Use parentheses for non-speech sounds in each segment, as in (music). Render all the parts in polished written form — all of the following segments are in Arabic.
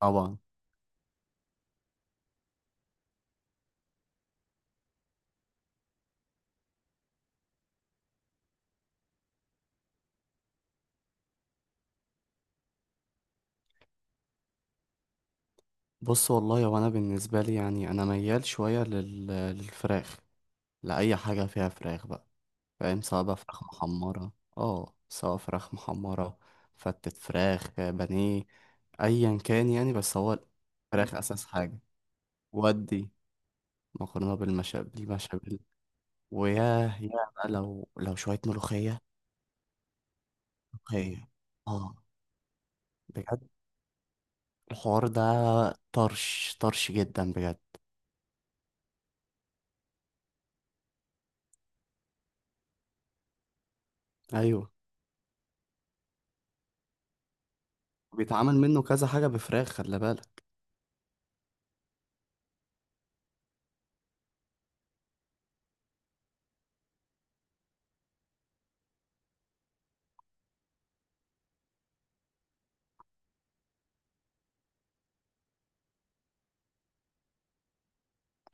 طبعا. بص والله، وانا بالنسبه لي يعني انا ميال شويه للفراخ، لاي حاجه فيها فراخ بقى، فاهم. سواء فراخ محمره، فتة فراخ بانيه، ايا كان يعني. بس هو الفراخ اساس حاجه. ودي مكرونه بالمشابل، وياه، يا بقى لو شويه ملوخيه. ملوخيه اه، بجد الحوار ده طرش طرش جدا بجد. ايوه، بيتعمل منه كذا حاجة بفراخ، خلي بالك.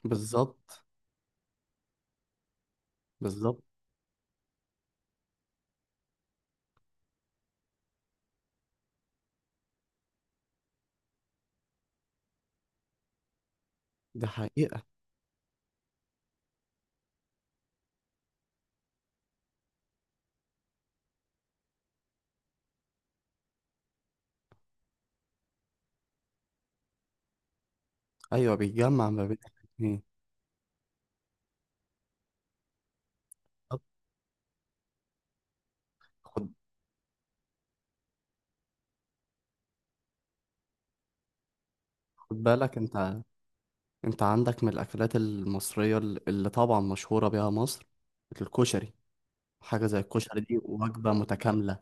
بالظبط. بالظبط. دي حقيقة. أيوة، بيتجمع ما بين الاتنين. طب خد خد بالك أنت عندك من الأكلات المصرية اللي طبعا مشهورة بيها مصر، الكشري. حاجة زي الكشري دي وجبة متكاملة.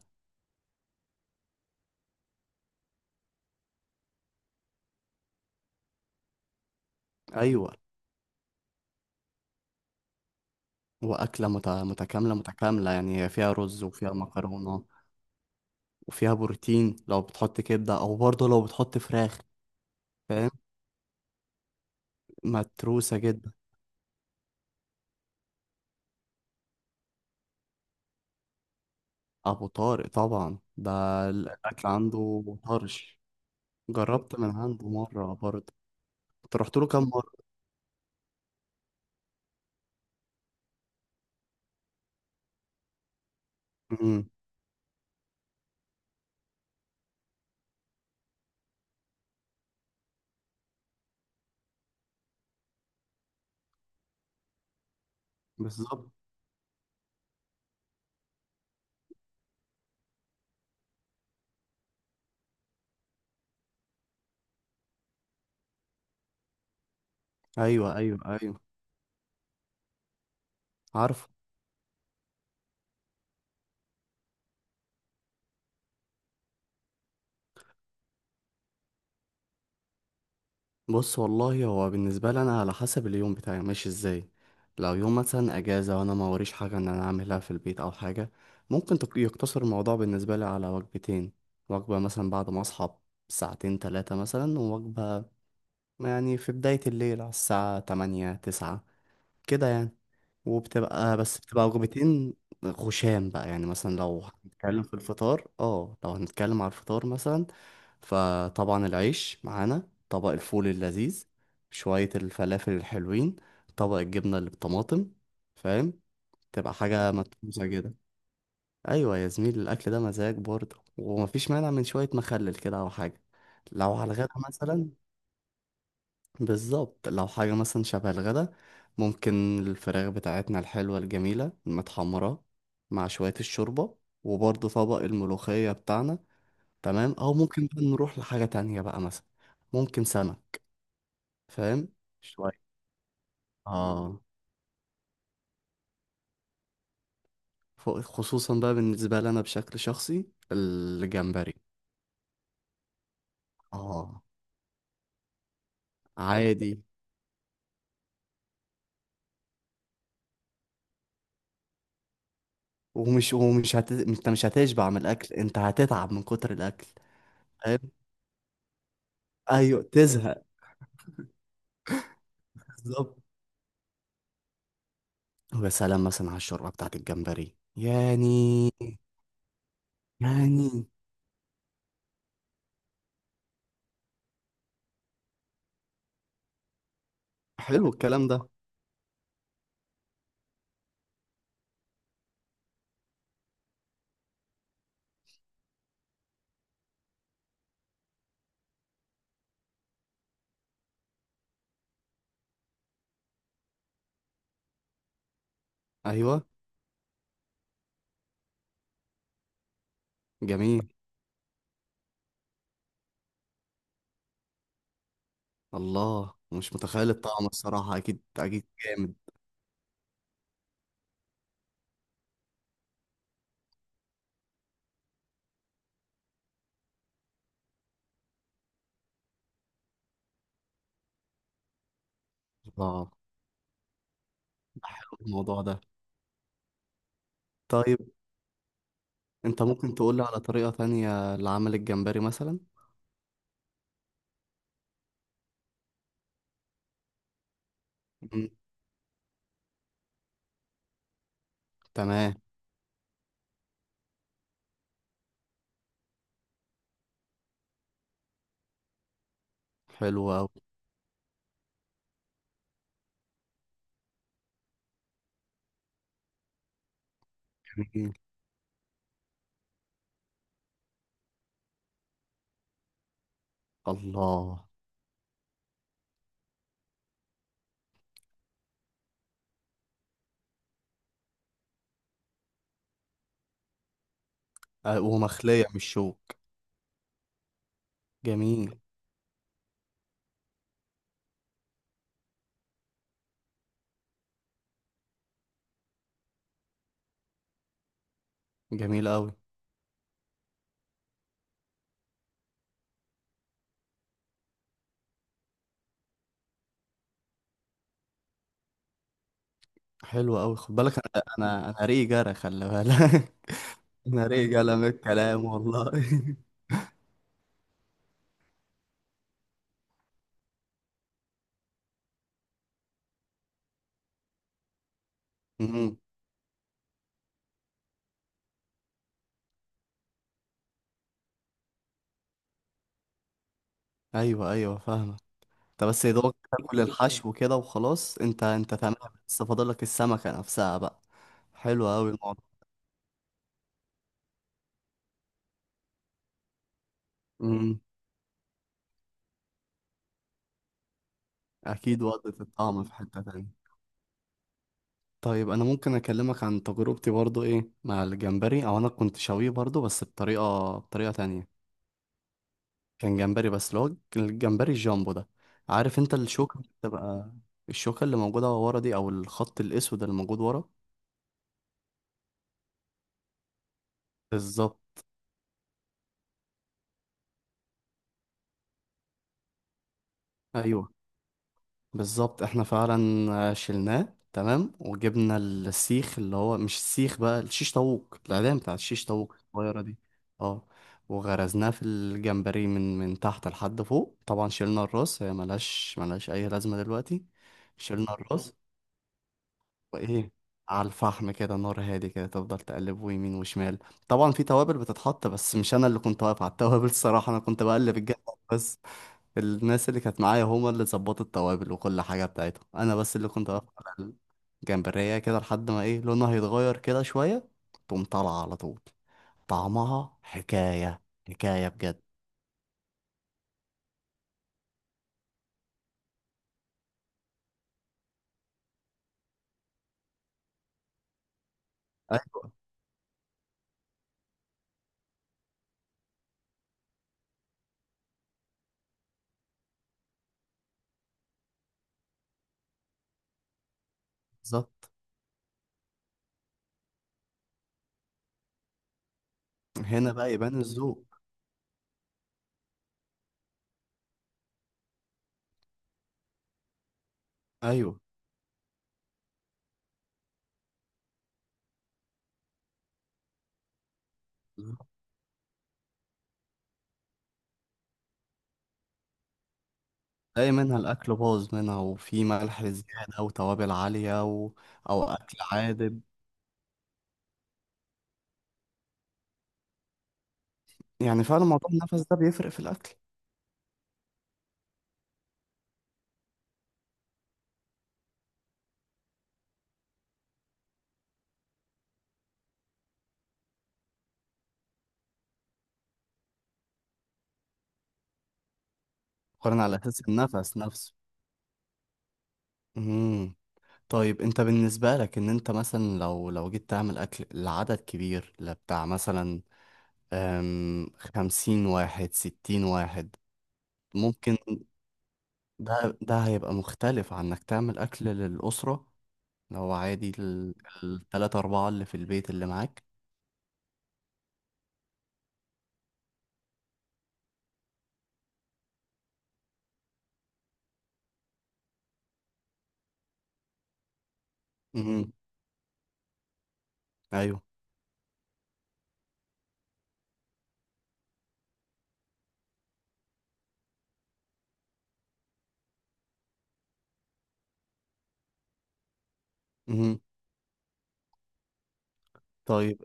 أيوة، وأكلة متكاملة متكاملة، يعني هي فيها رز وفيها مكرونة، وفيها بروتين لو بتحط كبدة، أو برضه لو بتحط فراخ. فاهم، متروسة جدا. أبو طارق طبعا ده، الأكل عنده طرش. جربت من عنده مرة برضه. انت رحت له كام مرة؟ امم بالظبط. ايوه، ايوه، ايوه. عارف. بص والله، هو بالنسبة لي انا على حسب اليوم بتاعي ماشي ازاي. لو يوم مثلا اجازة وانا ما وريش حاجة ان انا اعملها في البيت او حاجة، ممكن يقتصر الموضوع بالنسبة لي على وجبتين. وجبة مثلا بعد ما اصحى ساعتين تلاتة مثلا، ووجبة يعني في بداية الليل على الساعة تمانية تسعة كده يعني. وبتبقى، بس بتبقى وجبتين. خشام بقى، يعني مثلا لو هنتكلم في الفطار اه لو هنتكلم على الفطار مثلا، فطبعا العيش معانا، طبق الفول اللذيذ، شوية الفلافل الحلوين، طبق الجبنة اللي بالطماطم. فاهم، تبقى حاجة مدفوسة كده. أيوة يا زميلي، الأكل ده مزاج برضه، ومفيش مانع من شوية مخلل كده أو حاجة. لو على الغدا مثلا، بالظبط، لو حاجة مثلا شبه الغدا، ممكن الفراخ بتاعتنا الحلوة الجميلة المتحمرة مع شوية الشوربة، وبرضه طبق الملوخية بتاعنا. تمام. أو ممكن بقى نروح لحاجة تانية بقى مثلا، ممكن سمك. فاهم، شوية. اه، خصوصا بقى بالنسبة لي أنا بشكل شخصي، الجمبري. اه، عادي. ومش انت مش هتشبع من الأكل، انت هتتعب من كتر الأكل. فاهم. ايوه، تزهق. بالظبط. ويا سلام مثلا على الشوربة بتاعت الجمبري يعني، حلو الكلام ده. أيوه، جميل. الله، مش متخيل الطعم الصراحة، أكيد أكيد جامد. الله، الموضوع ده. طيب، أنت ممكن تقولي على طريقة تانية لعمل الجمبري مثلا؟ مم. تمام. حلو أوي. جميل. الله. أه، ومخلية مش شوك. جميل. جميل أوي. حلو أوي، خد بالك. أنا ريقي جرى، خلي بالك. (laughs) أنا ريقي جرى من الكلام والله. (laughs) مم. ايوه ايوه، فاهمه. انت بس يا دوبك تاكل (laughs) الحشو كده وخلاص، انت تمام. بس فاضلك السمكه نفسها بقى. حلو قوي الموضوع. امم اكيد وضعت الطعم في حته تانية. طيب، انا ممكن اكلمك عن تجربتي برضو ايه مع الجمبري، او انا كنت شويه برضو، بس بطريقه تانية. كان جمبري بس، اللي هو الجمبري الجامبو ده. عارف انت الشوكه اللي موجوده ورا دي، او الخط الاسود اللي موجود ورا. بالظبط. ايوه بالظبط، احنا فعلا شلناه. تمام. وجبنا السيخ، اللي هو مش السيخ بقى، الشيش طاووق، العلام بتاعت الشيش طاووق الصغيرة دي. اه. وغرزناه في الجمبري من تحت لحد فوق. طبعا شلنا الراس، هي ملهاش أي لازمة دلوقتي. شلنا الراس. وإيه، على الفحم كده، نار هادي كده، تفضل تقلبه يمين وشمال. طبعا في توابل بتتحط، بس مش أنا اللي كنت واقف على التوابل، الصراحة أنا كنت بقلب الجنب بس. الناس اللي كانت معايا هما اللي ظبطوا التوابل وكل حاجة بتاعتهم، أنا بس اللي كنت واقف على الجمبرية كده لحد ما إيه، لونها هيتغير كده شوية، تقوم طالعة على طول. طعمها حكاية، حكاية بجد. أيوة بالظبط، هنا بقى يبان الذوق. أيوه بالظبط. تلاقي منها الأكل باظ منها، وفي ملح زيادة، وتوابل عالية و... أو أكل عادب. يعني فعلا موضوع النفس ده بيفرق في الأكل. قارن على أساس النفس نفسه. مم. طيب، انت بالنسبة لك ان انت مثلا لو جيت تعمل اكل لعدد كبير، لبتاع مثلا 50 واحد، 60 واحد. ممكن. ده هيبقى مختلف عن انك تعمل اكل للأسرة، لو عادي التلاتة اربعة اللي في البيت اللي معاك. مهم. ايوه. مهم. طيب.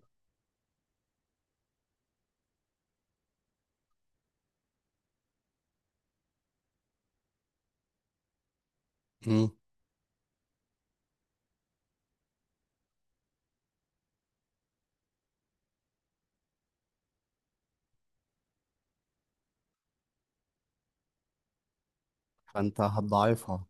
مهم. فانت هتضعفها.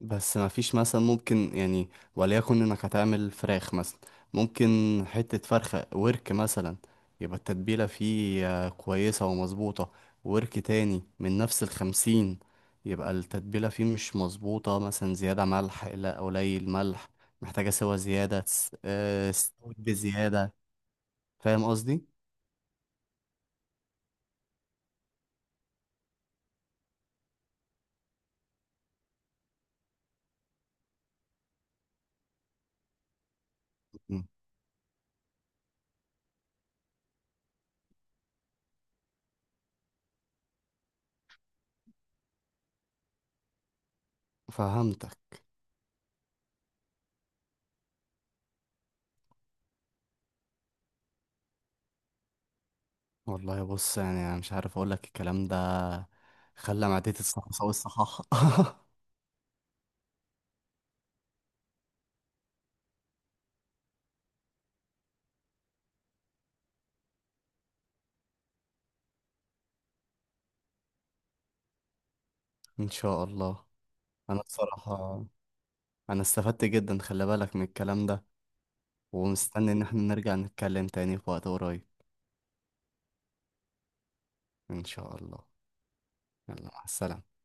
بس ما فيش مثلا ممكن يعني، وليكن انك هتعمل فراخ مثلا، ممكن حتة فرخة ورك مثلا، يبقى التتبيلة فيه كويسة ومظبوطة. ورك تاني من نفس الخمسين، يبقى التتبيلة فيه مش مظبوطة مثلا، زيادة ملح لا قليل ملح، محتاجة سوا زيادة استوت بزيادة. فاهم قصدي؟ مم. فهمتك. والله بص، يعني انا مش عارف اقولك الكلام ده خلى معدتي تصحصح والصحاحة. (laughs) ان شاء الله. انا بصراحة انا استفدت جدا خلي بالك من الكلام ده، ومستني ان احنا نرجع نتكلم تاني في وقت قريب. ان شاء الله. يلا، مع السلامة.